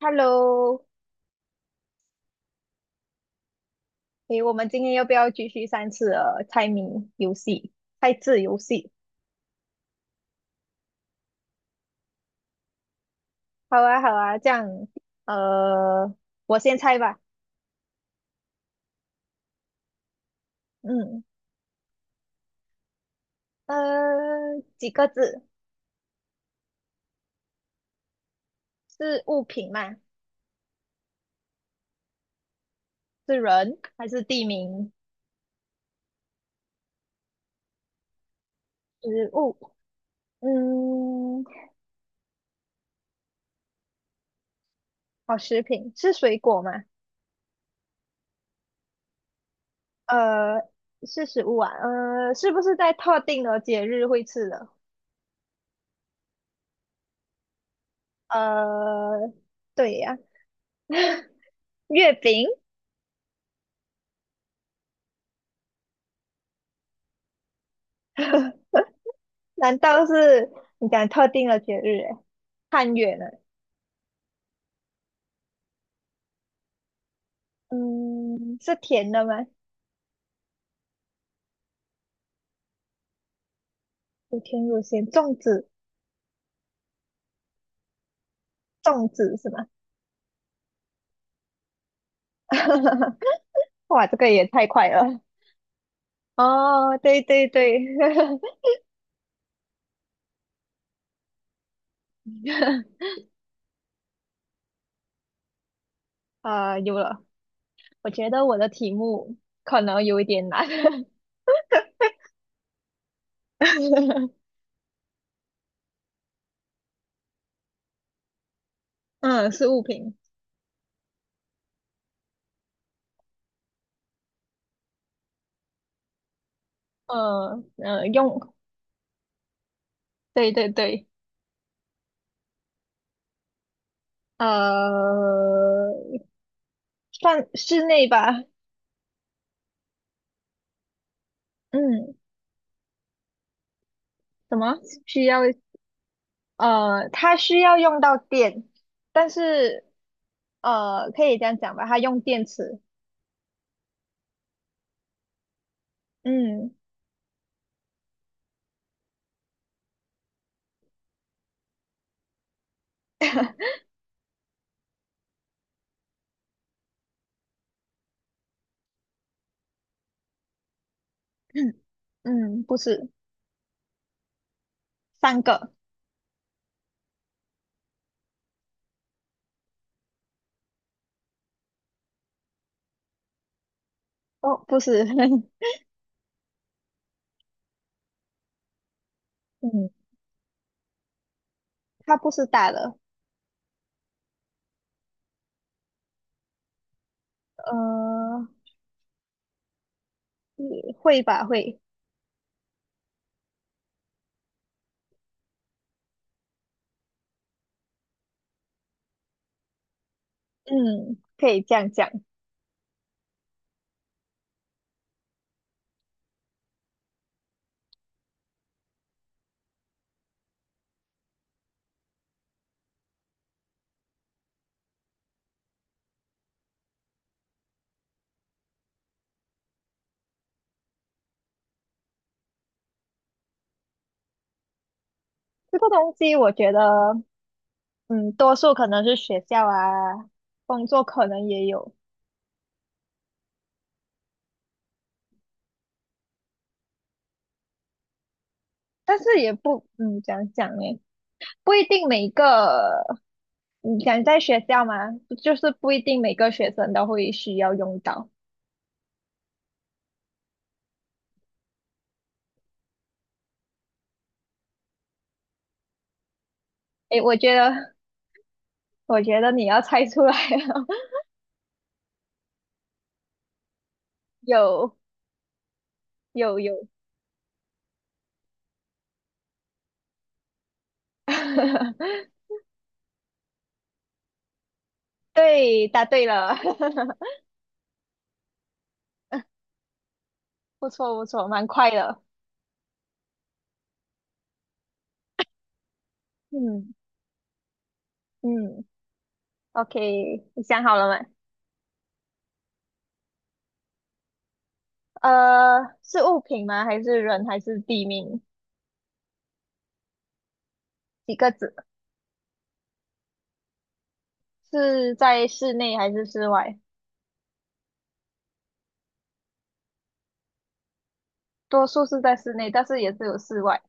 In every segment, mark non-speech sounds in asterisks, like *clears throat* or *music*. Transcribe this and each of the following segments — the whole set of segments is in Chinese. Hello，诶，我们今天要不要继续三次的猜谜游戏、猜字游戏？好啊，好啊，这样，呃，我先猜吧。嗯，几个字？是物品吗？是人还是地名？食物？嗯，好，食品是水果吗？呃，是食物啊。是不是在特定的节日会吃的？呃，对呀、月饼。难道是你讲特定的节日？哎，汉月呢？嗯，是甜的吗？有甜有咸，粽子，粽子是吗？*laughs* 哇，这个也太快了。哦，对对对，*laughs* 啊、有了。我觉得我的题目可能有一点难。*laughs* 嗯，是物品。用，对对对，呃，算室内吧。嗯，什么需要它需要用到电，但是可以这样讲吧，它用电池。嗯 *clears throat* 嗯，不是。三个。哦，不是。*laughs* 嗯，它不是大的，呃，嗯会，嗯，可以这样讲。这个东西我觉得，嗯，多数可能是学校啊，工作可能也有，但是也不，怎样讲呢，不一定每一个。你想在学校吗？就是不一定每个学生都会需要用到。诶，我觉得你要猜出来了，*laughs* 有有有，*laughs* 对，答对了，*laughs* 不错不错，蛮快的。嗯嗯，OK，你想好了吗？是物品吗？还是人？还是地名？几个字？是在室内还是室外？多数是在室内，但是也是有室外。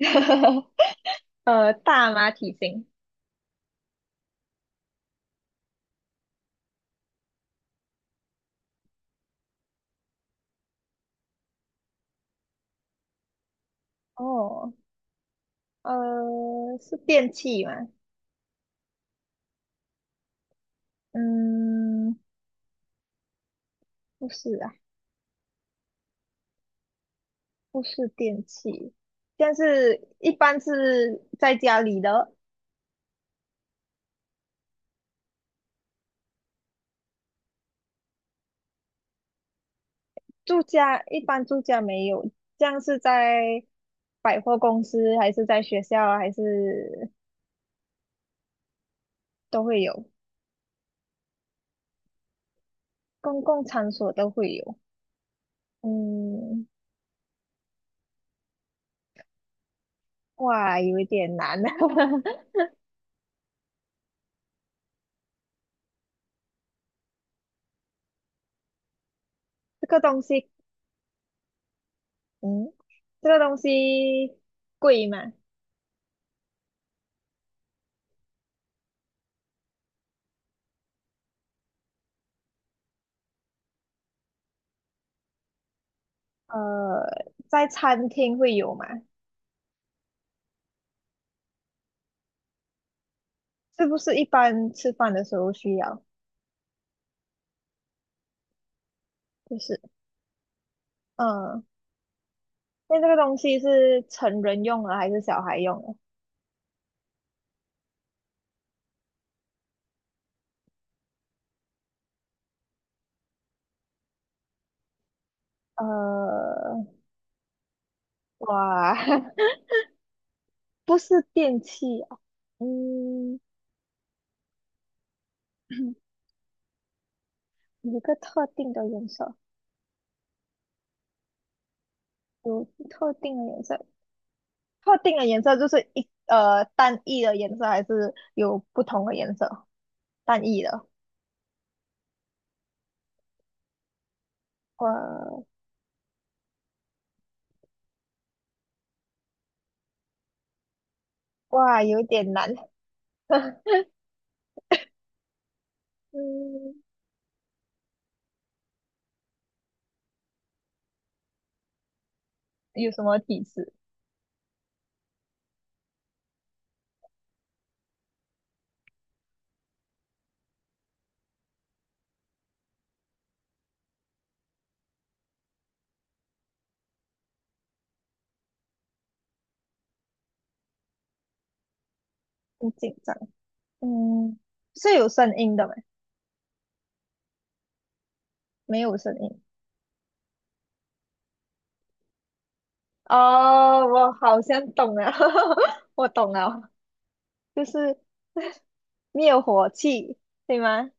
*laughs* 大吗？体型？哦，是电器吗？嗯，不是啊，不是电器，但是一般是在家里的，住家一般住家没有，这样是在百货公司还是在学校还是都会有，公共场所都会有。嗯，哇，有一点难啊，*laughs* 这个东西，嗯，这个东西贵吗？呃，在餐厅会有吗？是不是一般吃饭的时候需要？就是嗯，那这个东西是成人用的还是小孩用的？呃，哇，*laughs* 不是电器啊，嗯，有一个特定的颜色，有特定的颜色，特定的颜色就是单一的颜色，还是有不同的颜色？单一的，哇哇，有点难，*laughs* 嗯，有什么提示？很紧张，嗯，是有声音的吗？没有声音，哦，我好像懂了，*laughs* 我懂了，就是 *laughs* 灭火器，对吗？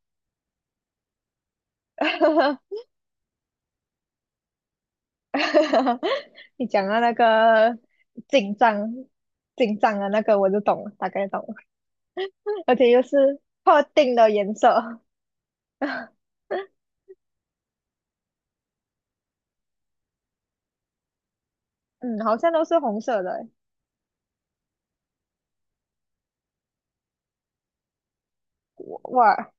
*laughs* *laughs* 你讲到那个紧张、紧张的那个，我就懂了，大概懂了，*laughs* 而且又是特定的颜色，*laughs* 嗯，好像都是红色的欸。我，哇，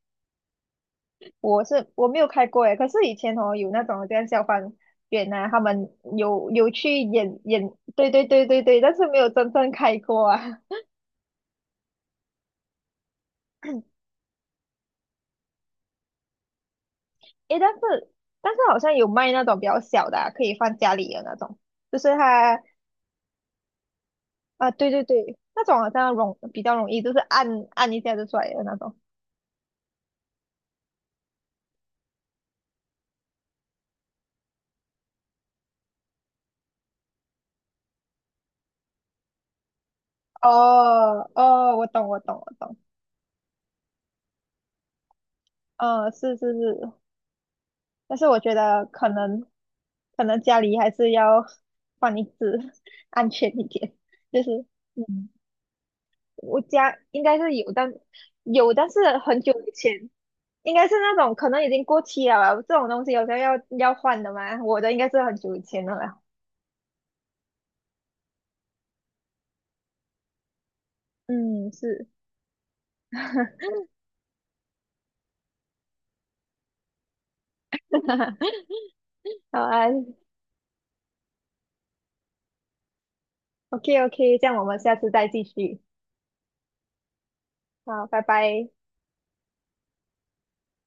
我没有开过诶，可是以前哦有那种这样消防员啊，他们有去演演，对对对对对，但是没有真正开过啊。诶，但是好像有卖那种比较小的啊可以放家里的那种，就是它啊，对对对，那种好像比较容易，就是按一下就出来的那种。哦哦，我懂我懂我懂，嗯，是是是，但是我觉得可能家里还是要放一只，*laughs* 安全一点，就是嗯，我家应该是有，但是很久以前。应该是那种可能已经过期了吧，这种东西有时候要换的嘛。我的应该是很久以前的了。嗯，是。*laughs* 好啊，OK OK，这样我们下次再继续。好，拜拜。